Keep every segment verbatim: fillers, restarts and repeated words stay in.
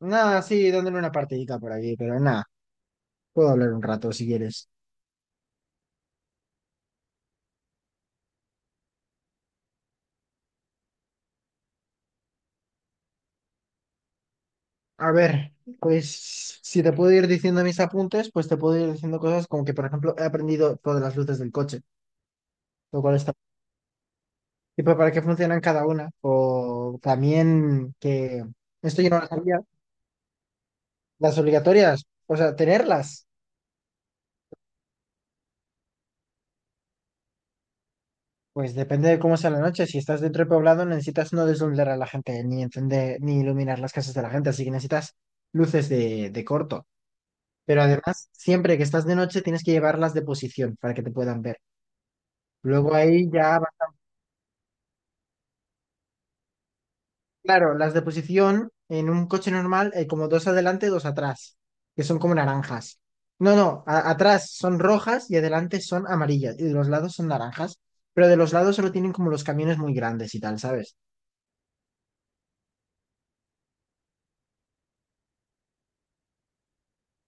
Nada, sí, dándole una partidita por aquí, pero nada, puedo hablar un rato si quieres. A ver, pues si te puedo ir diciendo mis apuntes, pues te puedo ir diciendo cosas como que, por ejemplo, he aprendido todas las luces del coche, lo cual está. Y pues, para qué funcionan cada una, o también que, esto yo no lo sabía, las obligatorias, o sea, tenerlas, pues depende de cómo sea la noche, si estás dentro del poblado necesitas no deslumbrar a la gente, ni encender, ni iluminar las casas de la gente, así que necesitas luces de, de corto. Pero además, siempre que estás de noche tienes que llevarlas de posición para que te puedan ver. Luego ahí ya va- Claro, las de posición en un coche normal hay como dos adelante, dos atrás, que son como naranjas. No, no, a- atrás son rojas y adelante son amarillas y de los lados son naranjas, pero de los lados solo tienen como los camiones muy grandes y tal, ¿sabes?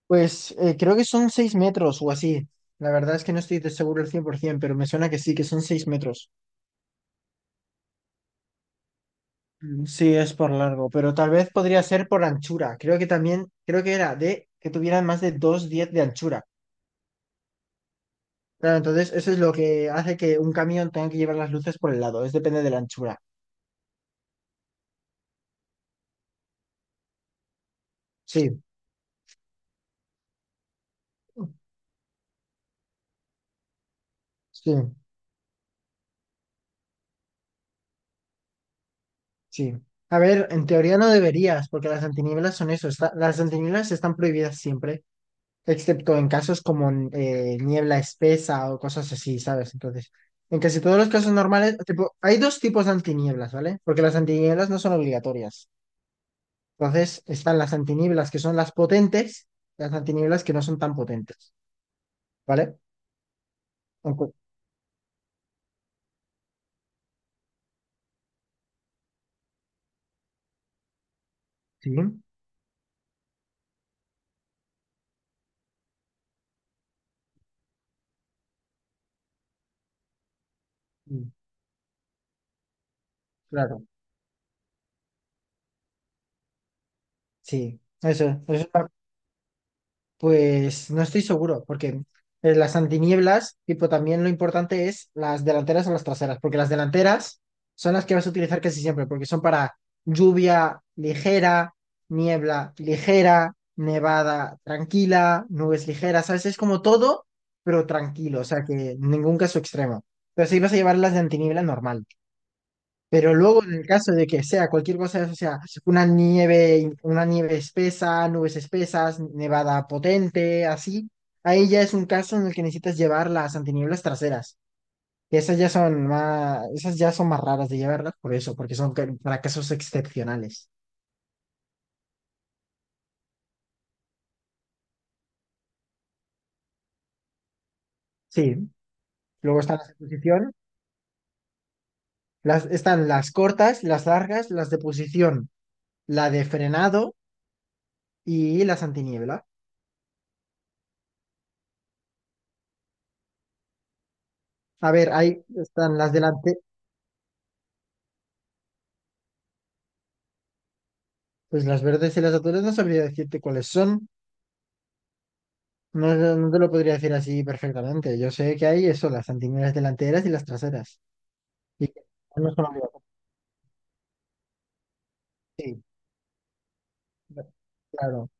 Pues eh, creo que son seis metros o así. La verdad es que no estoy de seguro el cien por cien por ciento, pero me suena que sí, que son seis metros. Mm, sí, es por largo, pero tal vez podría ser por anchura. Creo que también, creo que era de que tuvieran más de dos diez de anchura. Claro, entonces eso es lo que hace que un camión tenga que llevar las luces por el lado. Es depende de la anchura. Sí, sí, sí. A ver, en teoría no deberías, porque las antinieblas son eso. Está- las antinieblas están prohibidas siempre, excepto en casos como eh, niebla espesa o cosas así, ¿sabes? Entonces, en casi todos los casos normales, tipo, hay dos tipos de antinieblas, ¿vale? Porque las antinieblas no son obligatorias. Entonces están las antinieblas que son las potentes, las antinieblas que no son tan potentes, ¿vale? Aunque- Sí, mm, claro, sí, eso, eso es. Pues no estoy seguro, porque eh, las antinieblas, tipo, también lo importante es las delanteras o las traseras, porque las delanteras son las que vas a utilizar casi siempre, porque son para lluvia ligera, niebla ligera, nevada tranquila, nubes ligeras, ¿sabes? Es como todo, pero tranquilo, o sea que ningún caso extremo. Pero sí vas a llevar las de antiniebla normal. Pero luego, en el caso de que sea cualquier cosa, o sea, una nieve, in- una nieve espesa, nubes espesas, nevada potente, así, ahí ya es un caso en el que necesitas llevar las antinieblas traseras. Y esas ya son más, esas ya son más raras de llevarlas por eso, porque son ca- para casos excepcionales. Sí. Luego están las de posición, las, están las cortas, las largas, las de posición, la de frenado y las antiniebla. A ver, ahí están las delante. Pues las verdes y las azules no sabría decirte cuáles son. No, no te lo podría decir así perfectamente. Yo sé que hay eso, las antineras delanteras y las traseras. Y que no son obligatorias. Sí, claro.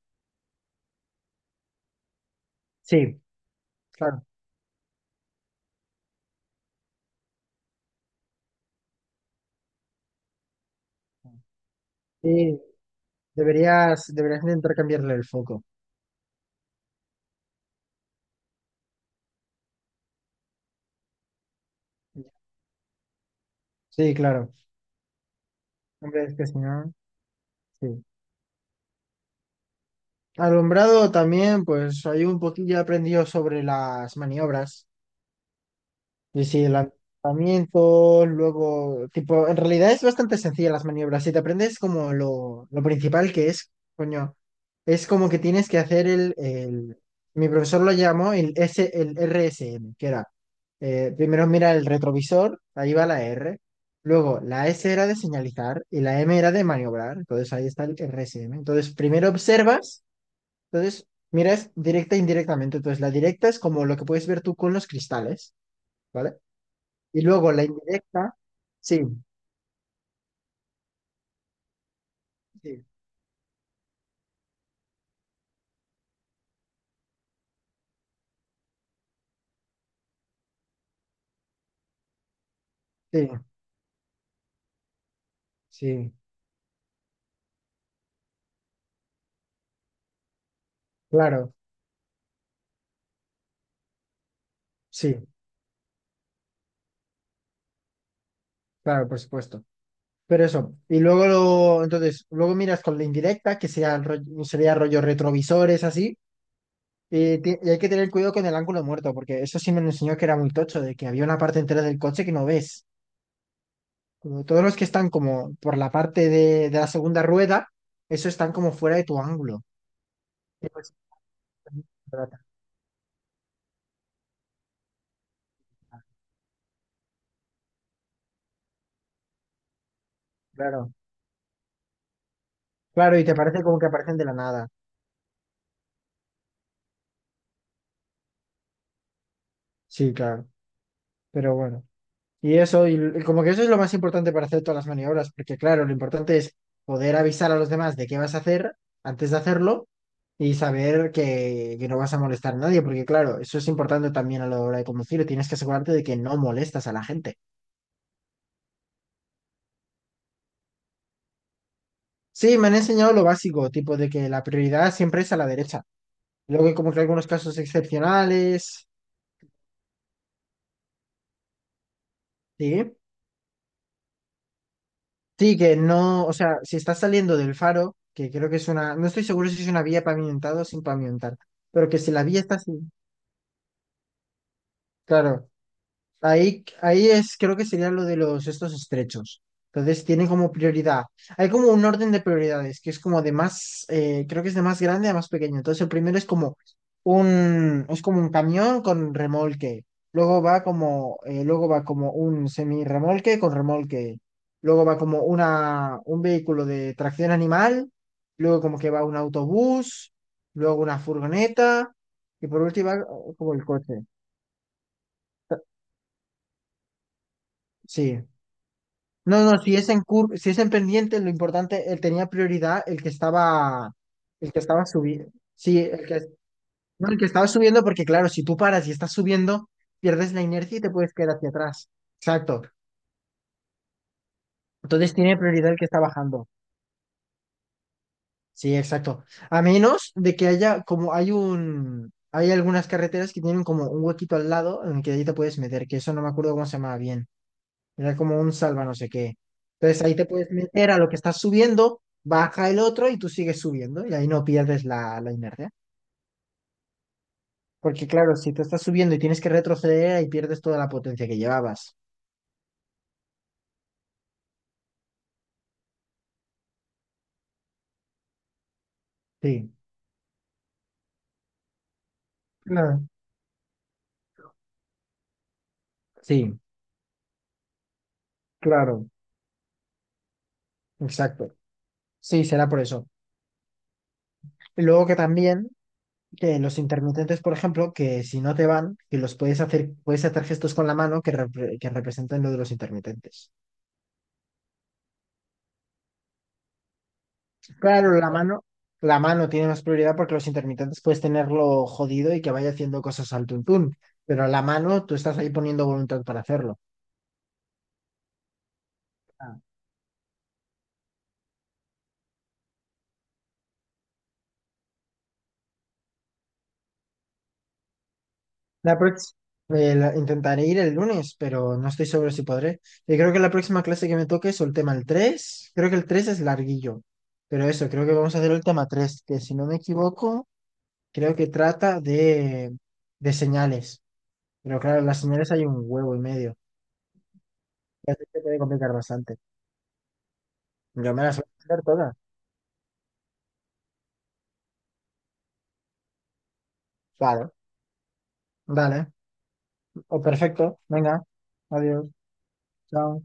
Sí, claro. Sí, deberías, deberías intentar cambiarle el foco. Sí, claro. Hombre, es que si no, sí. Alumbrado también, pues hay un poquillo aprendido sobre las maniobras. Y sí, lanzamientos, luego, tipo, en realidad es bastante sencilla las maniobras. Si te aprendes como lo, lo principal que es, coño, es como que tienes que hacer el, el- Mi profesor lo llamó el, S, el R S M, que era, eh, primero mira el retrovisor, ahí va la R, luego la S era de señalizar y la M era de maniobrar, entonces ahí está el R S M. Entonces, primero observas, entonces miras directa e indirectamente, entonces la directa es como lo que puedes ver tú con los cristales. ¿Vale? Y luego la indirecta, sí, sí, sí, sí, claro, sí, claro, por supuesto. Pero eso, y luego, lo- entonces, luego miras con la indirecta, que sea el rollo- sería rollo retrovisores, así, y, ti- y hay que tener cuidado con el ángulo muerto, porque eso sí me lo enseñó que era muy tocho, de que había una parte entera del coche que no ves. Como todos los que están como por la parte de, de la segunda rueda, eso están como fuera de tu ángulo. Y pues, claro, claro, claro, y te parece como que aparecen de la nada. Sí, claro, pero bueno. Y eso, y, l- como que eso es lo más importante para hacer todas las maniobras, porque claro, lo importante es poder avisar a los demás de qué vas a hacer antes de hacerlo y saber que, que no vas a molestar a nadie, porque claro, eso es importante también a la hora de conducir, tienes que asegurarte de que no molestas a la gente. Sí, me han enseñado lo básico, tipo de que la prioridad siempre es a la derecha. Luego hay como que algunos casos excepcionales, sí. Sí, que no, o sea, si estás saliendo del faro, que creo que es una, no estoy seguro si es una vía pavimentada o sin pavimentar. Pero que si la vía está claro, ahí, ahí es, creo que sería lo de los estos estrechos. Entonces tienen como prioridad. Hay como un orden de prioridades, que es como de más, eh, creo que es de más grande a más pequeño. Entonces el primero es como un, es como un camión con remolque. Luego va como, eh, luego va como un semirremolque con remolque. Luego va como una, un vehículo de tracción animal. Luego como que va un autobús. Luego una furgoneta. Y por último va eh, como el coche. Sí. No, no, si es en cur- si es en pendiente, lo importante, él tenía prioridad el que estaba, el que estaba subiendo. Sí, el que, no, el que estaba subiendo, porque claro, si tú paras y estás subiendo, pierdes la inercia y te puedes quedar hacia atrás. Exacto. Entonces tiene prioridad el que está bajando. Sí, exacto. A menos de que haya, como hay un, hay algunas carreteras que tienen como un huequito al lado en el que ahí te puedes meter, que eso no me acuerdo cómo se llamaba bien. Era como un salva no sé qué. Entonces ahí te puedes meter a lo que estás subiendo, baja el otro y tú sigues subiendo y ahí no pierdes la, la inercia. Porque claro, si te estás subiendo y tienes que retroceder, ahí pierdes toda la potencia que llevabas. Sí, claro. Sí, claro, exacto. Sí, será por eso. Y luego que también, que los intermitentes, por ejemplo, que si no te van, que los puedes hacer, puedes hacer gestos con la mano que, repre- que representan lo de los intermitentes. Claro, la mano, la mano tiene más prioridad porque los intermitentes puedes tenerlo jodido y que vaya haciendo cosas al tuntún, pero la mano tú estás ahí poniendo voluntad para hacerlo. Ah. La próxima, intentaré ir el lunes, pero no estoy seguro si podré. Y creo que la próxima clase que me toque es el tema el tres. Creo que el tres es larguillo, pero eso, creo que vamos a hacer el tema tres, que si no me equivoco, creo que trata de, de señales. Pero claro, las señales hay un huevo y medio. Y así se puede complicar bastante. Yo me las voy a hacer todas. Claro, dale. O perfecto. Venga, adiós. Chao.